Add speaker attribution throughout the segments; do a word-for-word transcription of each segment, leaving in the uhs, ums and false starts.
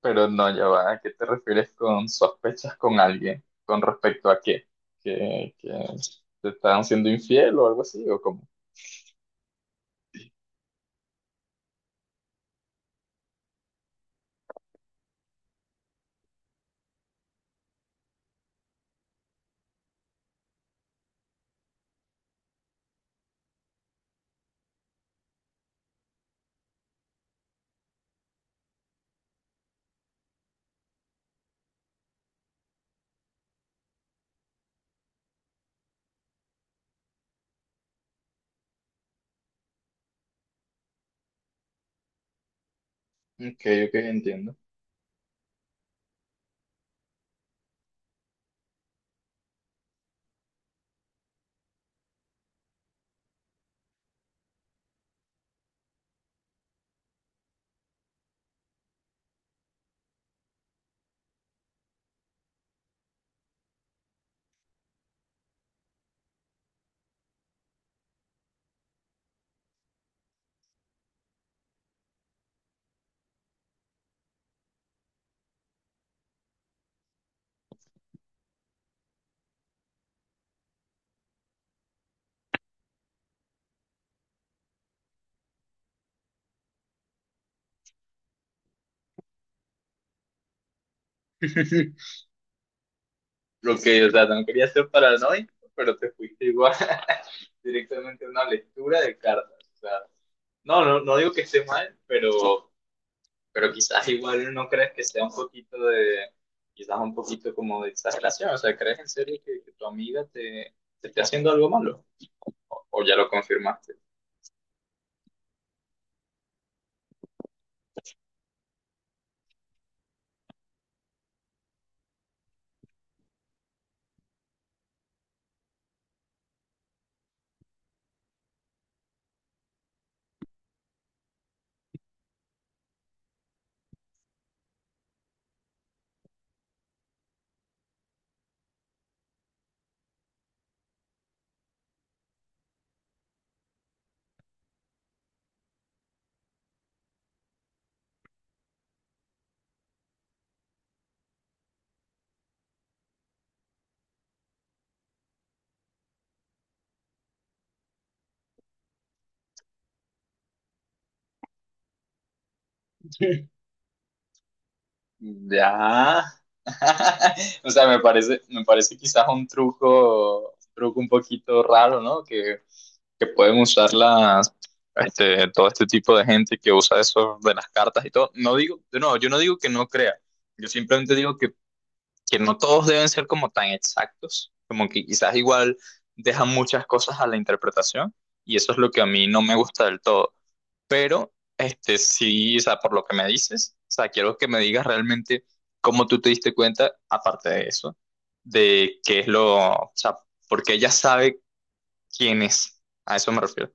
Speaker 1: Pero no, ya va. ¿A qué te refieres con sospechas con alguien? ¿Con respecto a qué? ¿Que, que te están siendo infiel o algo así? ¿O cómo? Ok, ok, entiendo. Lo que, o sea, no quería ser paranoico, pero te fuiste igual directamente a una lectura de cartas. O sea, no, no, no digo que esté mal, pero, pero quizás igual no crees que sea un poquito de, quizás un poquito como de exageración. O sea, ¿crees en serio que, que tu amiga te, te esté haciendo algo malo? ¿O ya lo confirmaste? Ya. O sea, me parece, me parece quizás un truco, un truco un poquito raro, ¿no? Que, que pueden usar las, este, todo este tipo de gente que usa eso de las cartas y todo. No digo, no, yo no digo que no crea. Yo simplemente digo que, que no todos deben ser como tan exactos, como que quizás igual dejan muchas cosas a la interpretación y eso es lo que a mí no me gusta del todo. Pero, este, sí, o sea, por lo que me dices, o sea, quiero que me digas realmente cómo tú te diste cuenta, aparte de eso, de qué es lo, o sea, porque ella sabe quién es. A eso me refiero.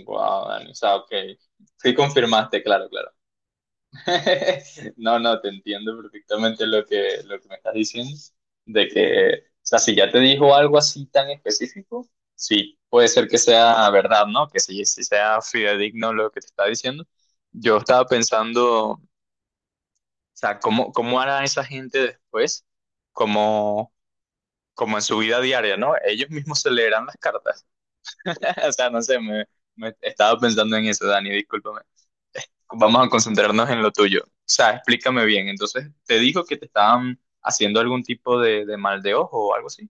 Speaker 1: Wow, o sea, ok. Sí confirmaste, claro, claro. No, no, te entiendo perfectamente lo que, lo que me estás diciendo, de que, o sea, si ya te dijo algo así tan específico, sí, puede ser que sea verdad, ¿no? Que sí, sí sea fidedigno lo que te está diciendo. Yo estaba pensando, o sea, ¿cómo, cómo hará esa gente después? Como, como en su vida diaria, ¿no? Ellos mismos se leerán las cartas. O sea, no sé, me, me estaba pensando en eso, Dani, discúlpame vamos a concentrarnos en lo tuyo. O sea, explícame bien. Entonces, ¿te dijo que te estaban haciendo algún tipo de, de mal de ojo o algo así?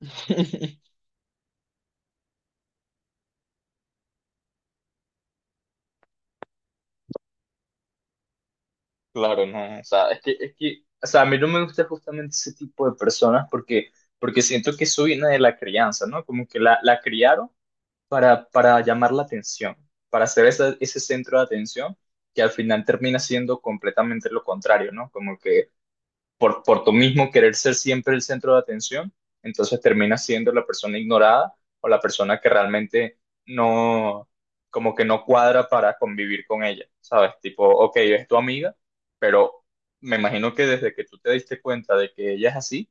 Speaker 1: Claro, no. O sea, es que, es que, o sea, a mí no me gusta justamente ese tipo de personas porque, porque siento que eso viene de la crianza, ¿no? Como que la, la criaron para, para llamar la atención, para ser esa- ese centro de atención que al final termina siendo completamente lo contrario, ¿no? Como que por, por tu mismo querer ser siempre el centro de atención, entonces terminas siendo la persona ignorada o la persona que realmente no, como que no cuadra para convivir con ella, ¿sabes? Tipo, ok, es tu amiga, pero me imagino que desde que tú te diste cuenta de que ella es así,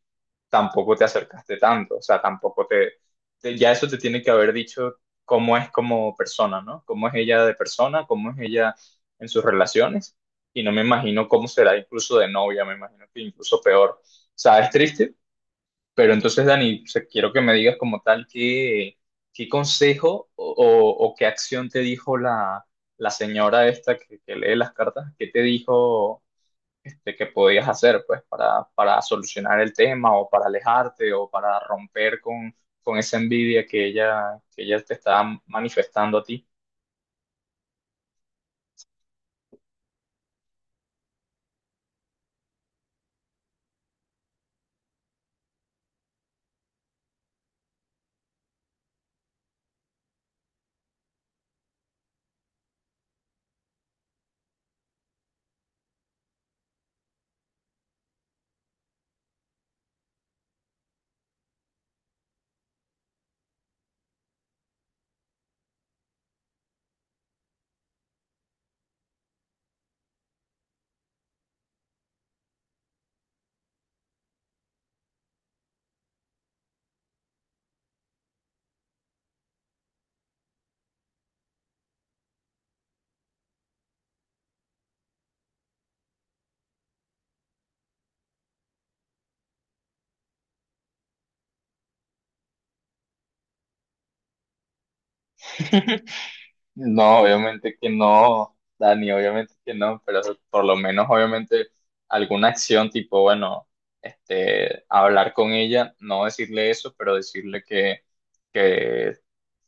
Speaker 1: tampoco te acercaste tanto, o sea, tampoco te, te- ya eso te tiene que haber dicho cómo es como persona, ¿no? Cómo es ella de persona, cómo es ella en sus relaciones y no me imagino cómo será incluso de novia, me imagino que incluso peor. O sea, es triste, pero entonces, Dani, o sea, quiero que me digas como tal qué, qué consejo o, o- o qué acción te dijo la, la señora esta que, que lee las cartas, qué te dijo este, que podías hacer pues para, para solucionar el tema o para alejarte o para romper con, con esa envidia que ella, que ella te está manifestando a ti. No, obviamente que no, Dani, obviamente que no, pero por lo menos obviamente alguna acción tipo, bueno, este, hablar con ella, no decirle eso, pero decirle que, que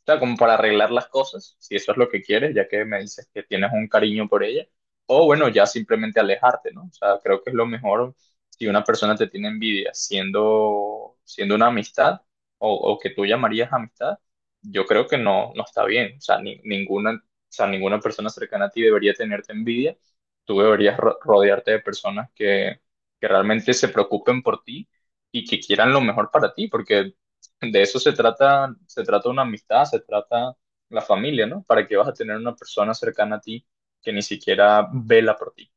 Speaker 1: sea, como para arreglar las cosas, si eso es lo que quieres, ya que me dices que tienes un cariño por ella, o bueno, ya simplemente alejarte, ¿no? O sea, creo que es lo mejor si una persona te tiene envidia siendo, siendo una amistad o, o que tú llamarías amistad, yo creo que no, no está bien, o sea, ni- ninguna, o sea, ninguna persona cercana a ti debería tenerte envidia, tú deberías ro- rodearte de personas que, que realmente se preocupen por ti y que quieran lo mejor para ti, porque de eso se trata, se trata una amistad, se trata la familia, ¿no? ¿Para qué vas a tener una persona cercana a ti que ni siquiera vela por ti?